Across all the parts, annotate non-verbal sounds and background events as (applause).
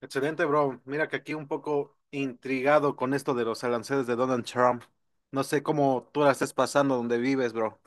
Excelente, bro. Mira que aquí un poco intrigado con esto de los aranceles de Donald Trump. No sé cómo tú la estés pasando donde vives, bro.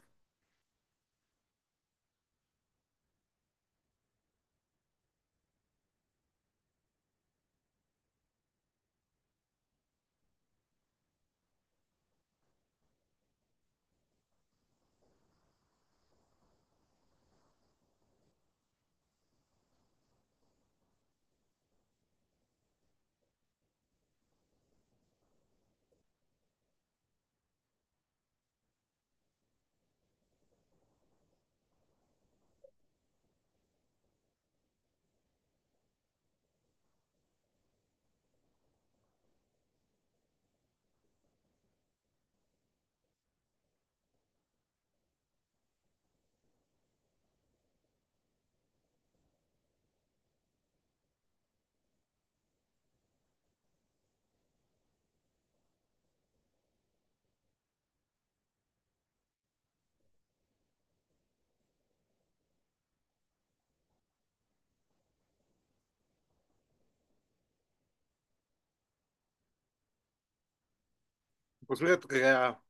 Pues fíjate que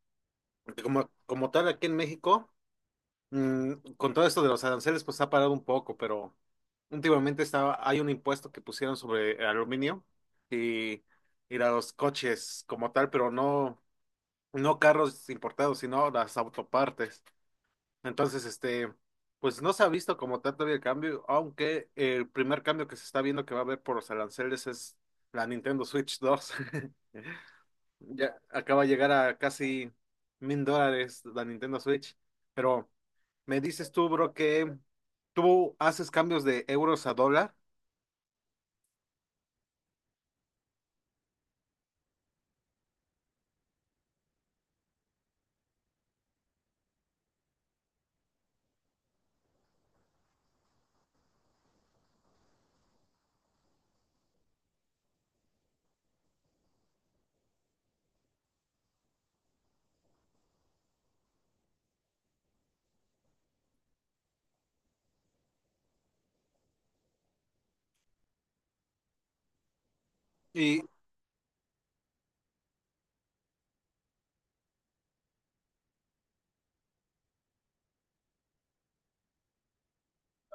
como tal aquí en México, con todo esto de los aranceles, pues ha parado un poco, pero últimamente estaba, hay un impuesto que pusieron sobre el aluminio y, y a los coches como tal, pero no, no carros importados, sino las autopartes. Entonces, este, pues no se ha visto como tanto el cambio, aunque el primer cambio que se está viendo que va a haber por los aranceles es la Nintendo Switch 2 (laughs) Ya acaba de llegar a casi $1,000 la Nintendo Switch. Pero me dices tú, bro, que tú haces cambios de euros a dólar y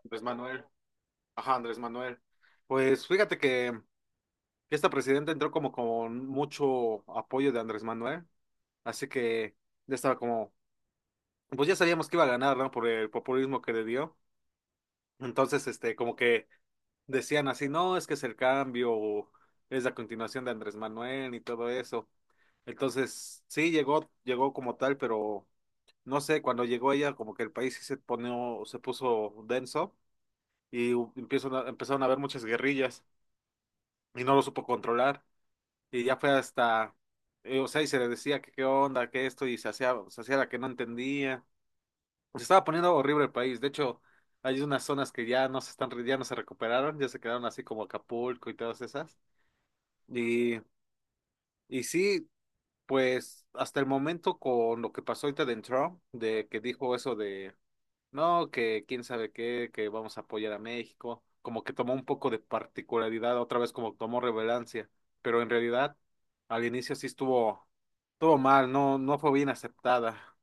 Andrés Manuel. Ajá, Andrés Manuel. Pues fíjate que esta presidenta entró como con mucho apoyo de Andrés Manuel. Así que ya estaba como pues ya sabíamos que iba a ganar, ¿no? Por el populismo que le dio. Entonces, este, como que decían así, no, es que es el cambio, o es la continuación de Andrés Manuel y todo eso. Entonces, sí, llegó como tal, pero no sé, cuando llegó ella, como que el país sí se puso denso y empezaron a haber muchas guerrillas y no lo supo controlar. Y ya fue hasta, o sea, y se le decía que qué onda, que esto, y se hacía la que no entendía. Se estaba poniendo horrible el país. De hecho, hay unas zonas que ya no se están, ya no se recuperaron, ya se quedaron así como Acapulco y todas esas. Y, y sí, pues hasta el momento con lo que pasó ahorita de Trump, de que dijo eso de, no, que quién sabe qué, que vamos a apoyar a México, como que tomó un poco de particularidad, otra vez como tomó relevancia. Pero en realidad, al inicio sí estuvo mal, no, no fue bien aceptada.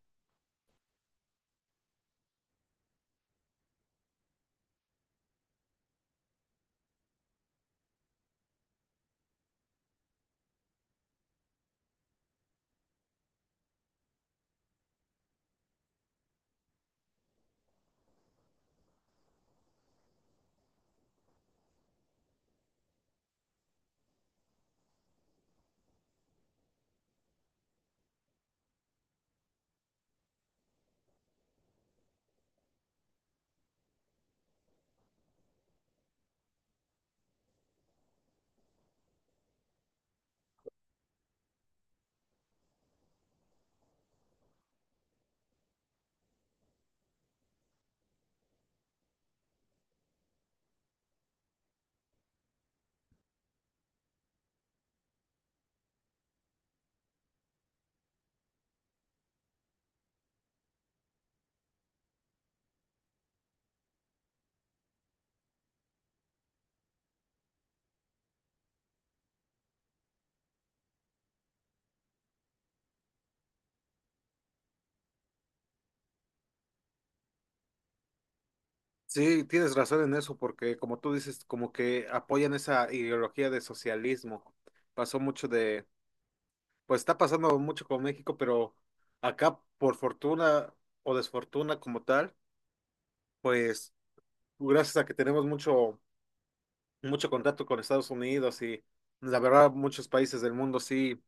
Sí, tienes razón en eso, porque como tú dices, como que apoyan esa ideología de socialismo. Pasó mucho de, pues está pasando mucho con México, pero acá por fortuna o desfortuna como tal, pues gracias a que tenemos mucho, mucho contacto con Estados Unidos y la verdad muchos países del mundo sí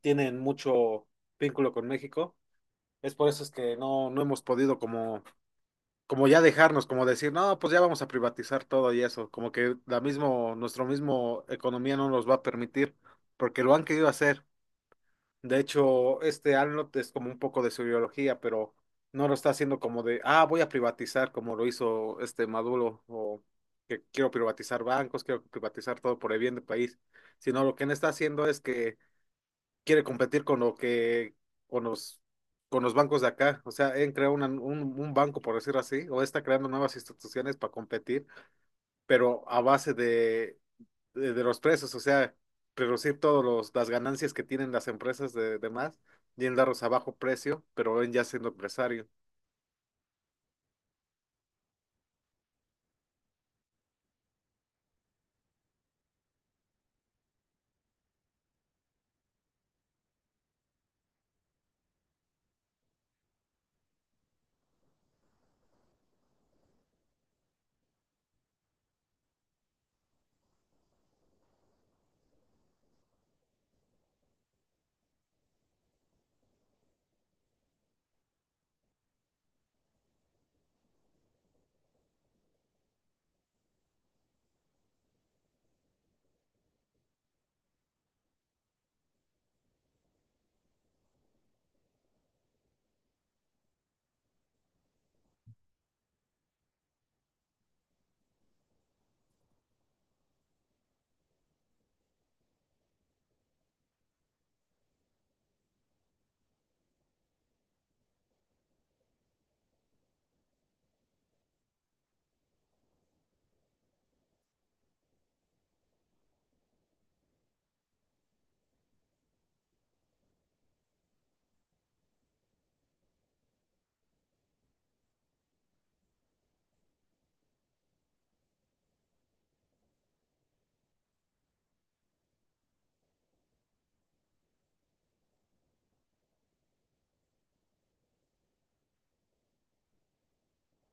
tienen mucho vínculo con México. Es por eso es que no hemos podido como ya dejarnos, como decir, no, pues ya vamos a privatizar todo y eso, como que la mismo, nuestro mismo economía no nos va a permitir, porque lo han querido hacer. De hecho, este Arnold es como un poco de su ideología, pero no lo está haciendo como de, ah, voy a privatizar, como lo hizo este Maduro, o que quiero privatizar bancos, quiero privatizar todo por el bien del país, sino lo que él está haciendo es que quiere competir con lo que, con los, con los bancos de acá. O sea, han creado un banco, por decir así, o está creando nuevas instituciones para competir, pero a base de los precios, o sea, reducir todas las ganancias que tienen las empresas de más y en darlos a bajo precio, pero él ya siendo empresario.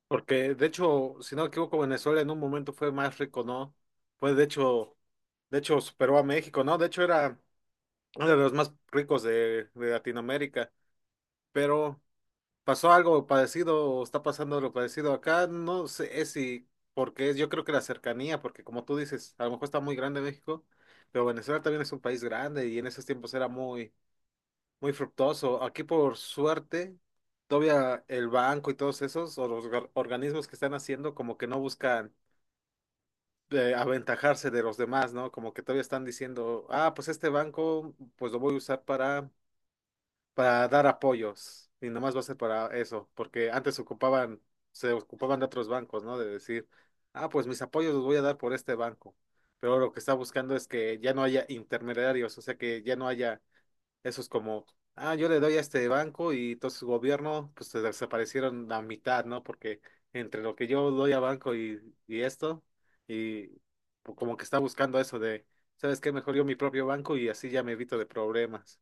Porque, de hecho, si no me equivoco, Venezuela en un momento fue más rico, ¿no? Fue, de hecho, superó a México, ¿no? De hecho, era uno de los más ricos de Latinoamérica, pero pasó algo parecido o está pasando lo parecido acá, no sé es si, porque yo creo que la cercanía, porque como tú dices, a lo mejor está muy grande México, pero Venezuela también es un país grande y en esos tiempos era muy, muy fructuoso. Aquí por suerte, todavía el banco y todos esos, o los organismos que están haciendo, como que no buscan aventajarse de los demás, ¿no? Como que todavía están diciendo, ah, pues este banco, pues lo voy a usar para dar apoyos y nomás va a ser para eso, porque antes ocupaban, se ocupaban de otros bancos, ¿no? De decir, ah, pues mis apoyos los voy a dar por este banco, pero lo que está buscando es que ya no haya intermediarios, o sea, que ya no haya esos como, ah, yo le doy a este banco y entonces su gobierno, pues se desaparecieron la mitad, ¿no? Porque entre lo que yo doy a banco y esto, y como que está buscando eso de, ¿sabes qué? Mejor yo mi propio banco y así ya me evito de problemas.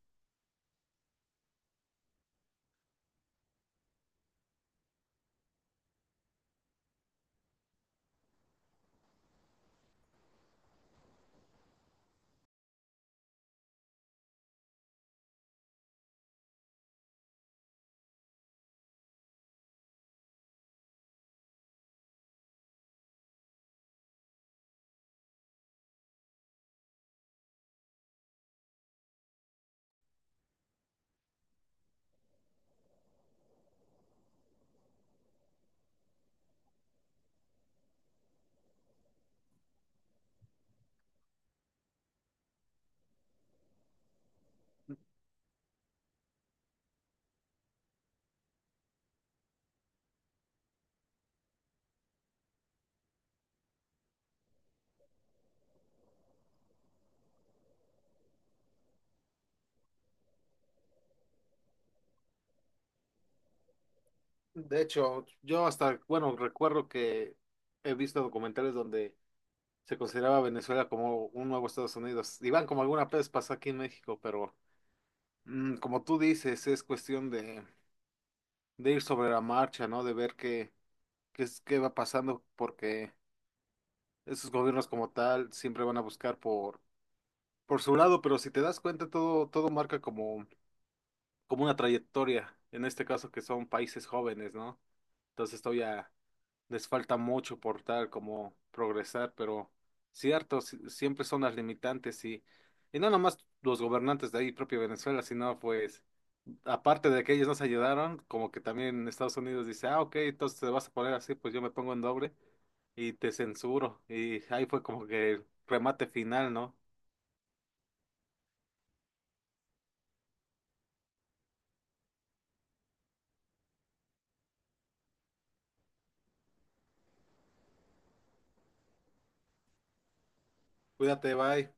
De hecho, yo hasta, bueno, recuerdo que he visto documentales donde se consideraba Venezuela como un nuevo Estados Unidos. Iván, como alguna vez pasó aquí en México, pero como tú dices, es cuestión de ir sobre la marcha, ¿no? De ver qué va pasando, porque esos gobiernos como tal siempre van a buscar por su lado, pero si te das cuenta, todo, todo marca como, una trayectoria, en este caso que son países jóvenes, ¿no? Entonces todavía les falta mucho por tal como progresar, pero cierto, siempre son las limitantes y no nomás los gobernantes de ahí, propio Venezuela, sino pues, aparte de que ellos nos ayudaron, como que también Estados Unidos dice, ah, ok, entonces te vas a poner así, pues yo me pongo en doble y te censuro. Y ahí fue como que el remate final, ¿no? Cuídate, bye.